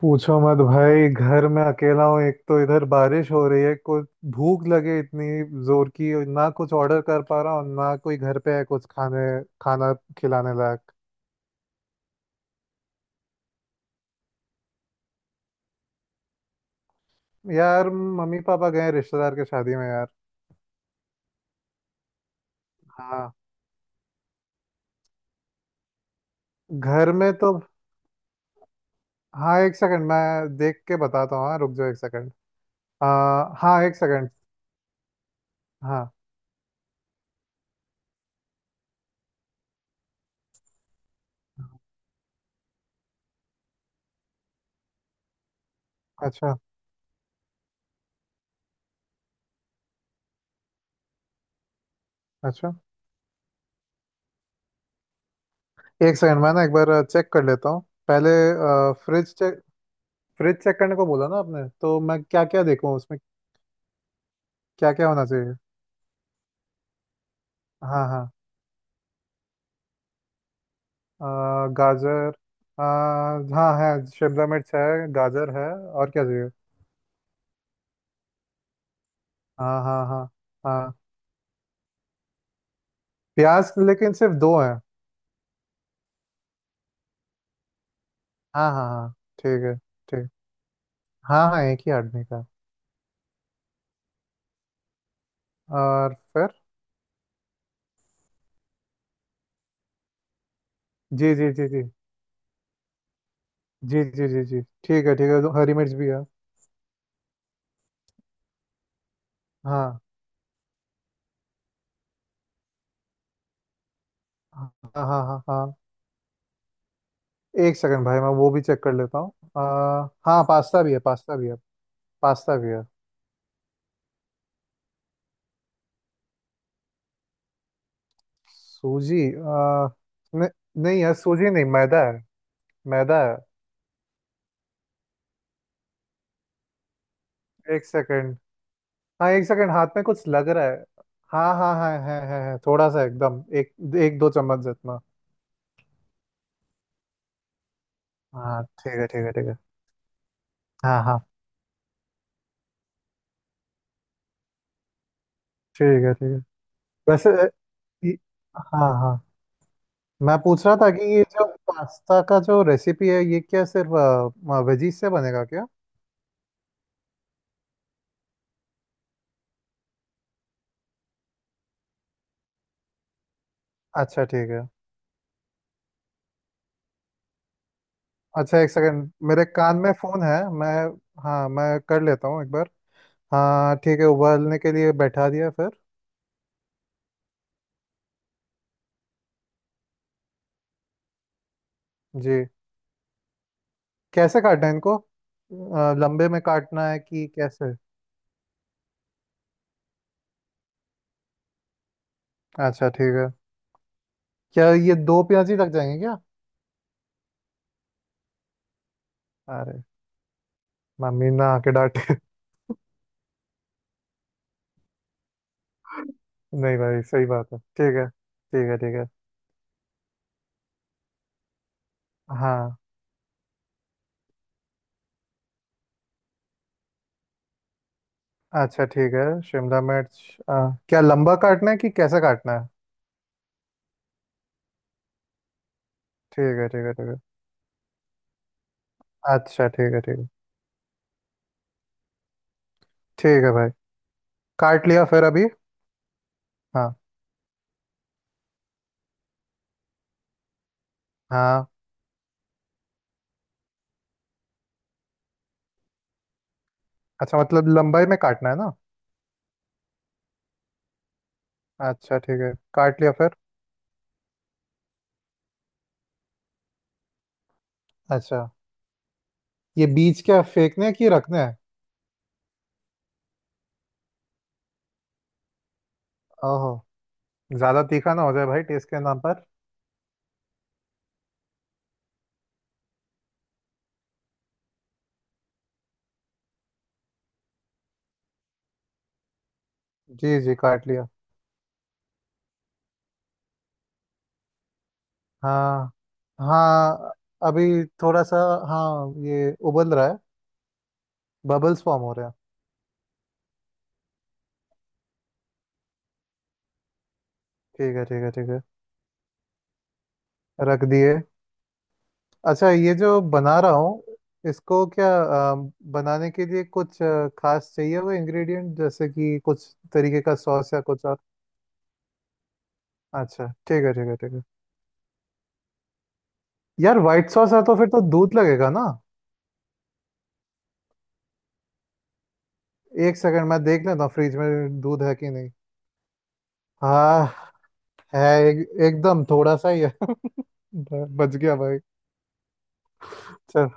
पूछो मत भाई, घर में अकेला हूँ। एक तो इधर बारिश हो रही है, कुछ भूख लगे इतनी जोर की। और ना कुछ ऑर्डर कर पा रहा हूँ, ना कोई घर पे है कुछ खाने खाना खिलाने लायक। यार, मम्मी पापा गए हैं रिश्तेदार के शादी में यार। हाँ, घर में तो हाँ। एक सेकंड, मैं देख के बताता हूँ। हाँ, रुक जाओ एक सेकंड। आ, हाँ एक सेकंड। हाँ, अच्छा अच्छा। एक सेकंड, मैं ना एक बार चेक कर लेता हूँ पहले। फ्रिज चेक, फ्रिज चेक करने को बोला ना आपने, तो मैं क्या क्या देखूँ उसमें, क्या क्या होना चाहिए। हाँ हाँ, गाजर। अ, हाँ, है, शिमला मिर्च है, गाजर है, और क्या चाहिए? हाँ हाँ हाँ। हाँ, प्याज लेकिन सिर्फ दो है। हाँ हाँ हाँ, ठीक है ठीक। हाँ हाँ, एक ही आदमी का। और फिर? जी जी जी जी। जी जी जी जी, ठीक है ठीक है, तो हरी मिर्च भी है। हाँ हाँ। हाँ हाँ हाँ, एक सेकंड भाई, मैं वो भी चेक कर लेता हूँ। अ, हाँ, पास्ता भी है, पास्ता भी है, पास्ता भी है। सूजी न, नहीं यार, सूजी नहीं, मैदा है, मैदा है। एक सेकंड। हाँ एक सेकंड, हाथ में कुछ लग रहा है। हाँ हाँ हाँ, है, थोड़ा सा, एकदम एक एक दो चम्मच जितना। हाँ ठीक है ठीक है ठीक है। हाँ हाँ, ठीक है ठीक है। वैसे ये- हाँ हाँ, मैं पूछ रहा था कि ये जो पास्ता का जो रेसिपी है, ये क्या सिर्फ वेजीज से बनेगा क्या? अच्छा ठीक है। अच्छा, एक सेकंड, मेरे कान में फोन है मैं, हाँ मैं कर लेता हूँ एक बार। हाँ ठीक है, उबालने के लिए बैठा दिया, फिर? जी, कैसे काटना है इनको? लंबे में काटना है कि कैसे? अच्छा ठीक है। क्या ये दो प्याज ही लग जाएंगे क्या? अरे, मम्मी ना आके डांटे। नहीं भाई, सही बात है, ठीक है ठीक है ठीक है। हाँ, अच्छा ठीक है। शिमला मिर्च क्या लंबा काटना है कि कैसे काटना है? ठीक है ठीक है ठीक है। अच्छा ठीक है ठीक है ठीक है भाई, काट लिया, फिर अभी? हाँ हाँ। अच्छा मतलब, लंबाई में काटना है ना? अच्छा ठीक है, काट लिया, फिर? अच्छा, ये बीज क्या फेंकने हैं कि रखने हैं? ओहो, ज्यादा तीखा ना हो जाए भाई टेस्ट के नाम पर। जी जी, काट लिया। हाँ हाँ, अभी थोड़ा सा। हाँ, ये उबल रहा है, बबल्स फॉर्म हो रहे हैं। ठीक है ठीक है ठीक है, रख दिए। अच्छा, ये जो बना रहा हूँ इसको क्या अ, बनाने के लिए कुछ खास चाहिए हुए इंग्रेडिएंट, जैसे कि कुछ तरीके का सॉस या कुछ और? अच्छा ठीक है ठीक है ठीक है। यार, व्हाइट सॉस है तो फिर तो दूध लगेगा ना? एक सेकंड, मैं देख लेता हूँ फ्रिज में दूध है कि नहीं। हाँ, है। एक, एकदम थोड़ा सा ही है। बच गया भाई। चल,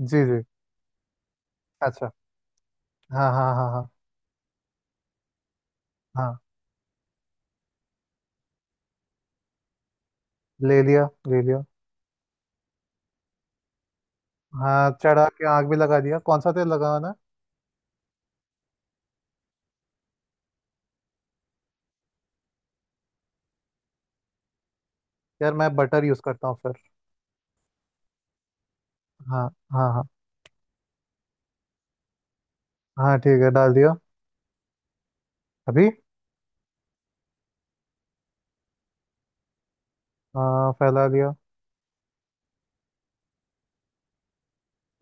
जी जी, अच्छा। हाँ हाँ हाँ हाँ। हाँ, ले लिया, ले लिया। हाँ, चढ़ा के आग भी लगा दिया, कौन सा तेल लगाना है? यार, मैं बटर यूज करता हूँ फिर। हाँ हाँ हाँ। हाँ ठीक है, डाल दिया। अभी? हाँ, फैला दिया।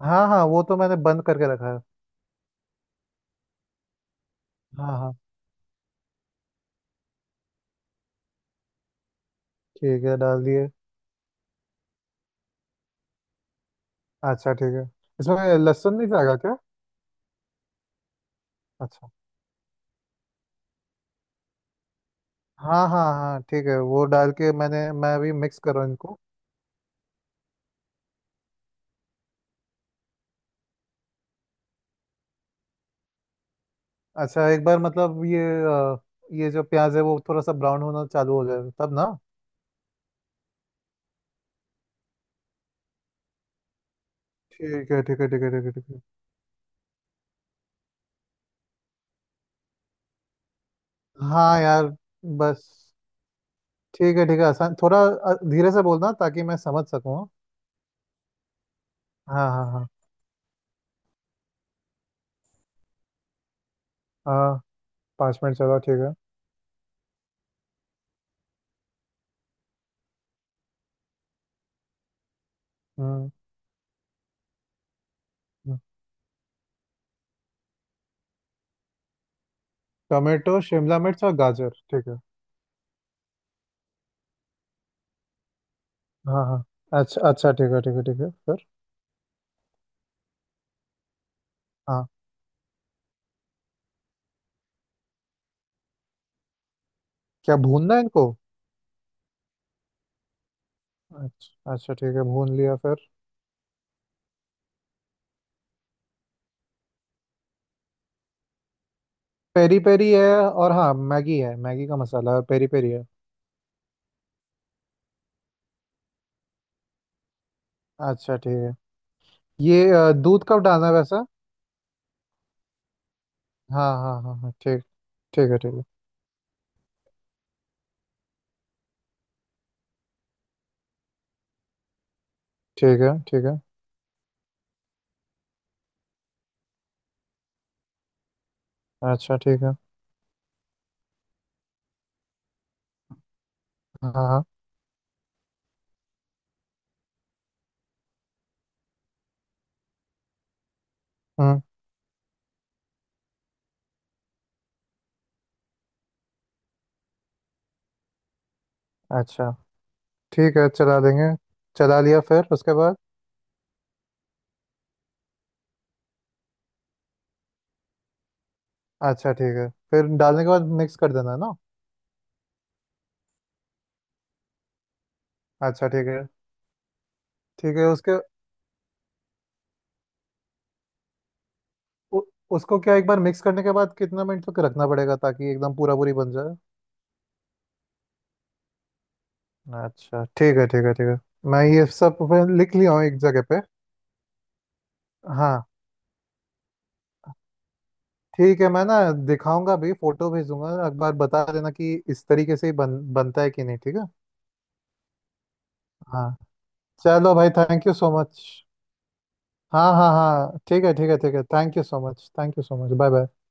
हाँ हाँ, वो तो मैंने बंद करके रखा है। हाँ हाँ। ठीक है, डाल दिए। अच्छा ठीक है। इसमें लहसुन नहीं जाएगा क्या? अच्छा, हाँ हाँ हाँ ठीक है, वो डाल के मैं अभी मिक्स कर रहा हूँ इनको। अच्छा, एक बार मतलब ये ये जो प्याज है वो थोड़ा सा ब्राउन होना चालू हो जाए तब ना? ठीक है ठीक है ठीक है ठीक है ठीक है। हाँ यार, बस ठीक है ठीक है, आसान थोड़ा धीरे से बोलना ताकि मैं समझ सकूँ। हाँ हाँ हाँ हाँ, पाँच मिनट चला, ठीक है। हम्म, हम्म। टमाटो, शिमला मिर्च और गाजर, ठीक है। हाँ हाँ, अच्छा अच्छा ठीक है ठीक है ठीक है, फिर? हाँ, क्या भूनना है इनको? अच्छा अच्छा ठीक है, भून लिया, फिर? पेरी पेरी है और हाँ, मैगी है, मैगी का मसाला है, पेरी पेरी है। अच्छा ठीक है। ये दूध कब डालना है वैसा? हाँ हाँ हाँ हाँ ठीक। ठीक है ठीक है ठीक है ठीक है। अच्छा ठीक है। हाँ हाँ, हम्म। अच्छा ठीक है, चला देंगे। चला लिया, फिर उसके बाद? अच्छा ठीक है, फिर डालने के बाद मिक्स कर देना है ना? अच्छा ठीक है उसके, उ, उसको क्या एक बार मिक्स करने के बाद कितना मिनट तक रखना पड़ेगा ताकि एकदम पूरा पूरी बन जाए? अच्छा ठीक है ठीक है ठीक है, मैं ये सब फिर लिख लिया हूँ एक जगह पे। हाँ ठीक है, मैं ना दिखाऊंगा भी, फोटो भेजूंगा, एक बार बता देना कि इस तरीके से ही बनता है कि नहीं, ठीक है। हाँ, चलो भाई, थैंक यू सो मच। हाँ हाँ हाँ ठीक है ठीक है ठीक है, thank you so much, thank you so much, bye bye.